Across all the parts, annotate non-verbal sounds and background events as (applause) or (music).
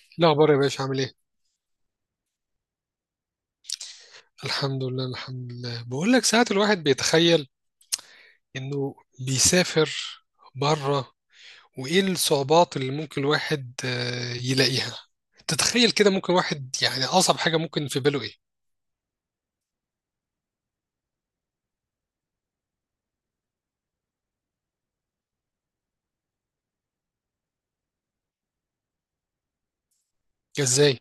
إيه الأخبار يا باشا عامل إيه؟ الحمد لله الحمد لله، بقول لك ساعات الواحد بيتخيل إنه بيسافر بره، وإيه الصعوبات اللي ممكن الواحد يلاقيها. تتخيل كده ممكن واحد يعني أصعب حاجة ممكن في باله إيه؟ إزاي؟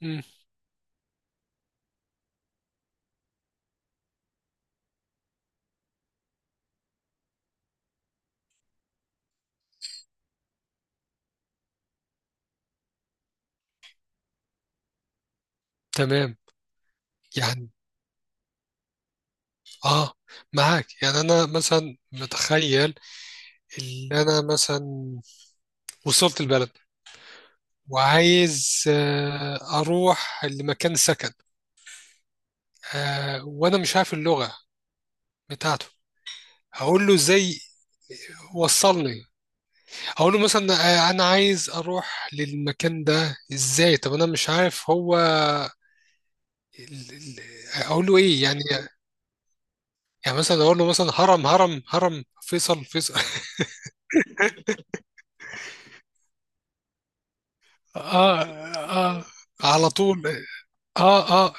مم. تمام. يعني آه معاك. يعني أنا مثلا متخيل إن أنا مثلا وصلت البلد وعايز أروح لمكان سكن، وأنا مش عارف اللغة بتاعته. هقول له ازاي وصلني؟ هقول له مثلا انا عايز اروح للمكان ده ازاي؟ طب انا مش عارف هو ال- ال- اقول له ايه يعني. يعني مثلا اقول له مثلا هرم هرم هرم، فيصل فيصل (laughs) اه اه، على طول. اه اه.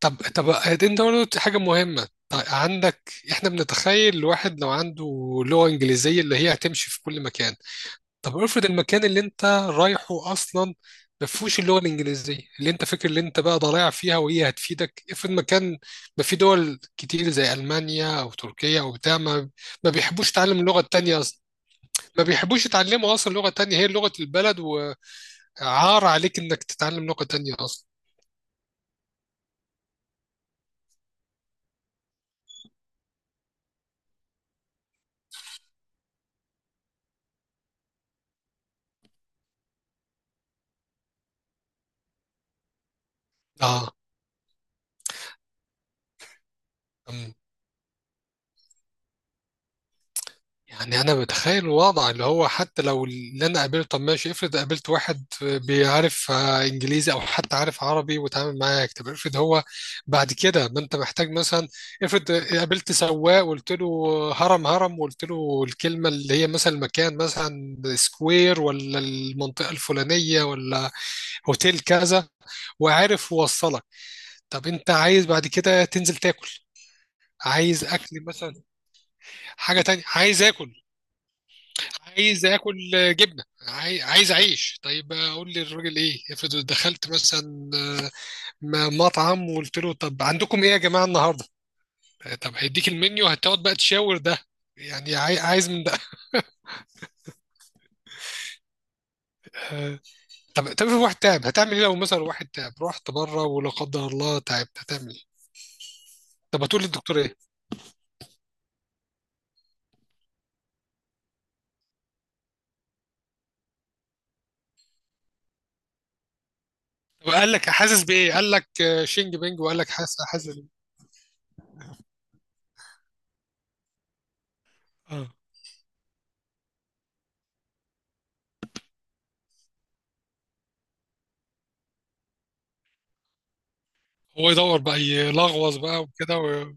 طب انت قلت حاجه مهمه. طيب عندك، احنا بنتخيل الواحد لو عنده لغه انجليزيه اللي هي هتمشي في كل مكان. طب افرض المكان اللي انت رايحه اصلا ما فيهوش اللغه الانجليزيه اللي انت فاكر اللي انت بقى ضايع فيها وهي هتفيدك. افرض مكان ما، في دول كتير زي المانيا او تركيا او بتاع ما بيحبوش يتعلم اللغه التانيه اصلا، ما بيحبوش يتعلموا اصلا لغه تانيه هي لغه البلد، وعار عليك انك تتعلم لغه تانيه اصلا. اه. أمم. يعني انا بتخيل الوضع اللي هو حتى لو اللي انا قابلته، طب ماشي، افرض قابلت واحد بيعرف انجليزي او حتى عارف عربي وتعامل معاك. طب افرض هو بعد كده ما انت محتاج مثلا، افرض قابلت سواق وقلت له هرم هرم، وقلت له الكلمه اللي هي مثلا المكان مثلا سكوير، ولا المنطقه الفلانيه، ولا هوتيل كذا، وعارف يوصلك. طب انت عايز بعد كده تنزل تاكل، عايز اكل مثلا، حاجه تانية، عايز اكل، عايز اكل جبنه، عايز اعيش. طيب اقول للراجل ايه؟ افرض دخلت مثلا مطعم وقلت له طب عندكم ايه يا جماعه النهارده، طب هيديك المنيو هتقعد بقى تشاور ده، يعني عايز من ده. آه، طب في واحد تعب، هتعمل ايه لو مثلا واحد تعب؟ رحت بره ولا قدر الله تعبت، هتعمل ايه؟ طب هتقول للدكتور ايه؟ طب قال لك حاسس بايه، قال لك شينج بينج، وقال لك حاسس حاسس. آه. هو يدور بقى يلغوص بقى وكده و...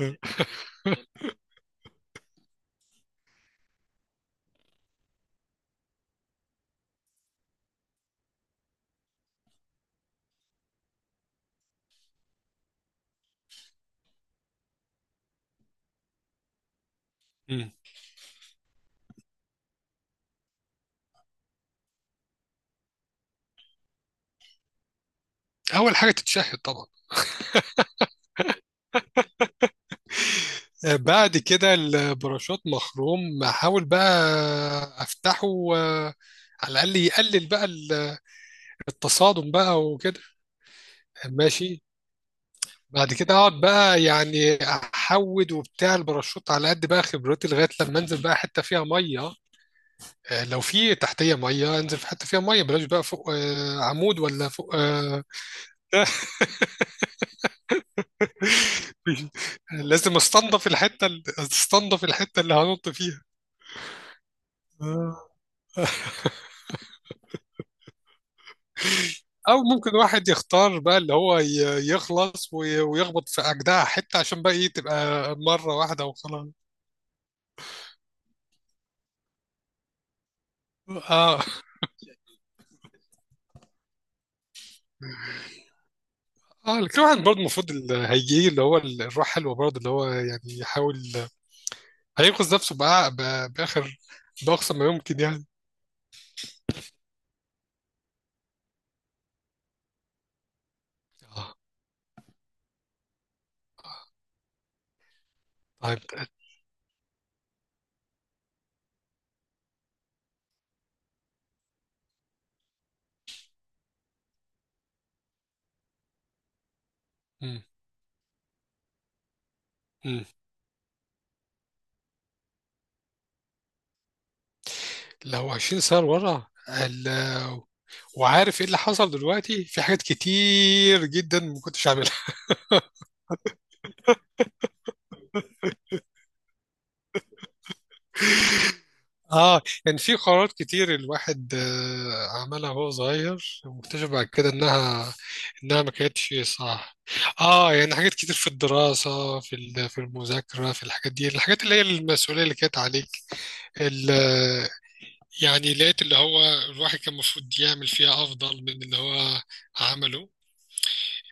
آه. مم. اول حاجه تتشهد طبعا. بعد كده البراشوت مخروم، احاول بقى افتحه، آه، على الاقل يقلل بقى التصادم بقى وكده. ماشي. بعد كده اقعد بقى يعني احود وبتاع الباراشوت على قد بقى خبرتي لغايه لما انزل بقى حته فيها ميه. لو في تحتيه ميه انزل في حته فيها ميه، بلاش بقى فوق عمود ولا فوق (laughs) لازم استنضف الحته، استنضف الحته اللي هنط فيها. او ممكن واحد يختار بقى اللي هو يخلص ويخبط في اجدع حته عشان بقى ايه، تبقى مره واحده وخلاص. اه اه. لكن واحد برضه المفروض اللي هيجي اللي هو الروح حلوه برضه، اللي هو يعني يحاول هينقذ نفسه بقى باخر باقصى ما يمكن يعني. اه. طيب. مم. مم. لو 20 سنة سنه لورا وعارف ايه اللي حصل دلوقتي، في حاجات كتير جدا ما كنتش عاملها. اه، كان في قرارات كتير الواحد عملها وهو صغير واكتشف بعد كده انها ما كانتش صح. اه، يعني حاجات كتير في الدراسة، في في المذاكرة، في الحاجات دي، الحاجات اللي هي المسؤولية اللي كانت عليك، ال- آه، يعني لقيت اللي هو الواحد كان المفروض يعمل فيها افضل من اللي هو عمله.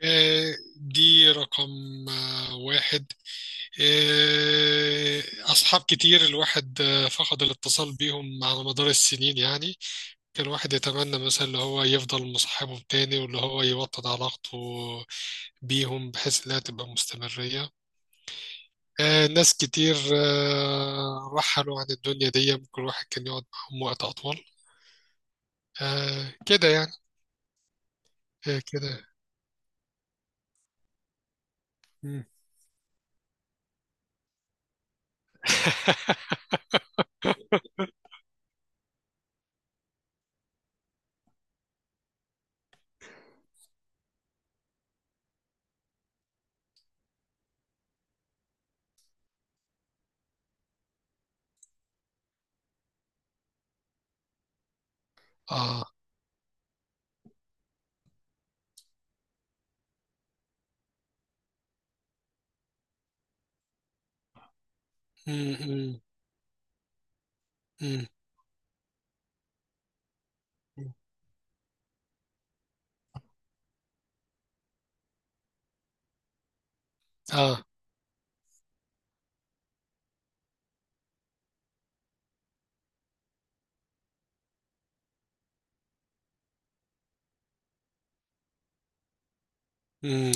دي رقم واحد. آه، أصحاب كتير الواحد فقد الاتصال بيهم على مدار السنين، يعني الواحد يتمنى مثلا اللي هو يفضل مصاحبهم تاني، واللي هو يوطد علاقته بيهم بحيث انها تبقى مستمرية. آه، ناس كتير آه رحلوا عن الدنيا دي، ممكن الواحد كان يقعد معاهم وقت أطول، آه كده يعني. آه كده. مم. اه مم. مم. مم. اه مم.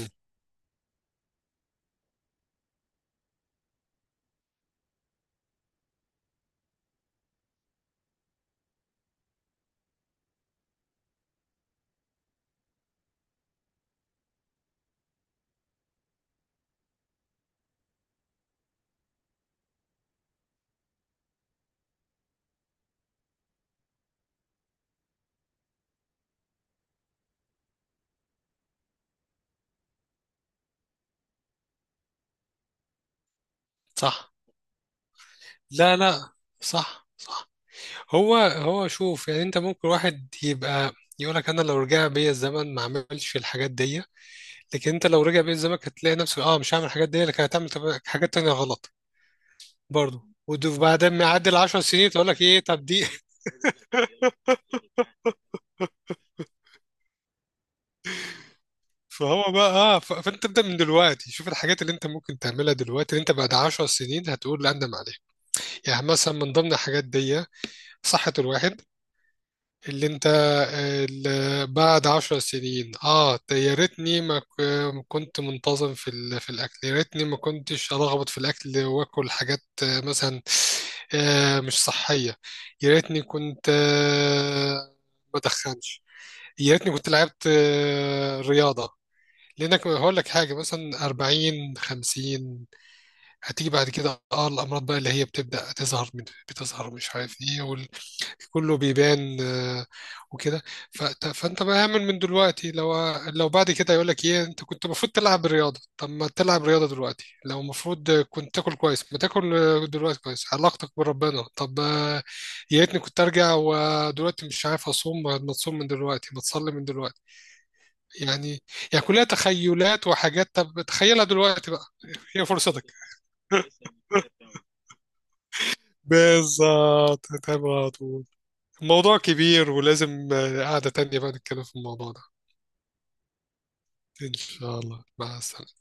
صح. لا لا، صح صح. هو هو شوف، يعني انت ممكن واحد يبقى يقولك انا لو رجع بيا الزمن ما عملش الحاجات دي، لكن انت لو رجع بيت زمانك هتلاقي نفسك اه مش هعمل الحاجات دي لكن هتعمل حاجات تانية غلط برضه، وبعدين ما يعدي العشر سنين تقول لك ايه طب دي (laughs) فهو بقى اه فانت ابدا من دلوقتي، شوف الحاجات اللي انت ممكن تعملها دلوقتي اللي انت بعد عشر سنين هتقول لا اندم عليها. يعني مثلا من ضمن الحاجات دي صحة الواحد، اللي انت اللي بعد عشر سنين اه ده يا ريتني ما كنت منتظم في في الاكل، يا ريتني ما كنتش ارغبط في الاكل واكل حاجات مثلا مش صحيه، يا ريتني كنت ما ادخنش، يا ريتني كنت لعبت رياضه. لانك هقول لك حاجه مثلا 40 50 هتيجي بعد كده اه الامراض بقى اللي هي بتبدا تظهر بتظهر مش عارف ايه، كله بيبان وكده. فانت بقى اعمل من دلوقتي، لو لو بعد كده يقول لك ايه انت كنت المفروض تلعب رياضه، طب ما تلعب رياضه دلوقتي. لو المفروض كنت تاكل كويس، ما تاكل دلوقتي كويس. علاقتك بربنا، طب يا ريتني كنت ارجع ودلوقتي مش عارف اصوم، ما تصوم من دلوقتي، ما تصلي من دلوقتي. يعني يعني كلها تخيلات وحاجات، طب تخيلها دلوقتي بقى. هي فرصتك، بالظبط تمام على طول. الموضوع كبير ولازم قعدة تانية بقى نتكلم في الموضوع ده. إن شاء الله، مع السلامة.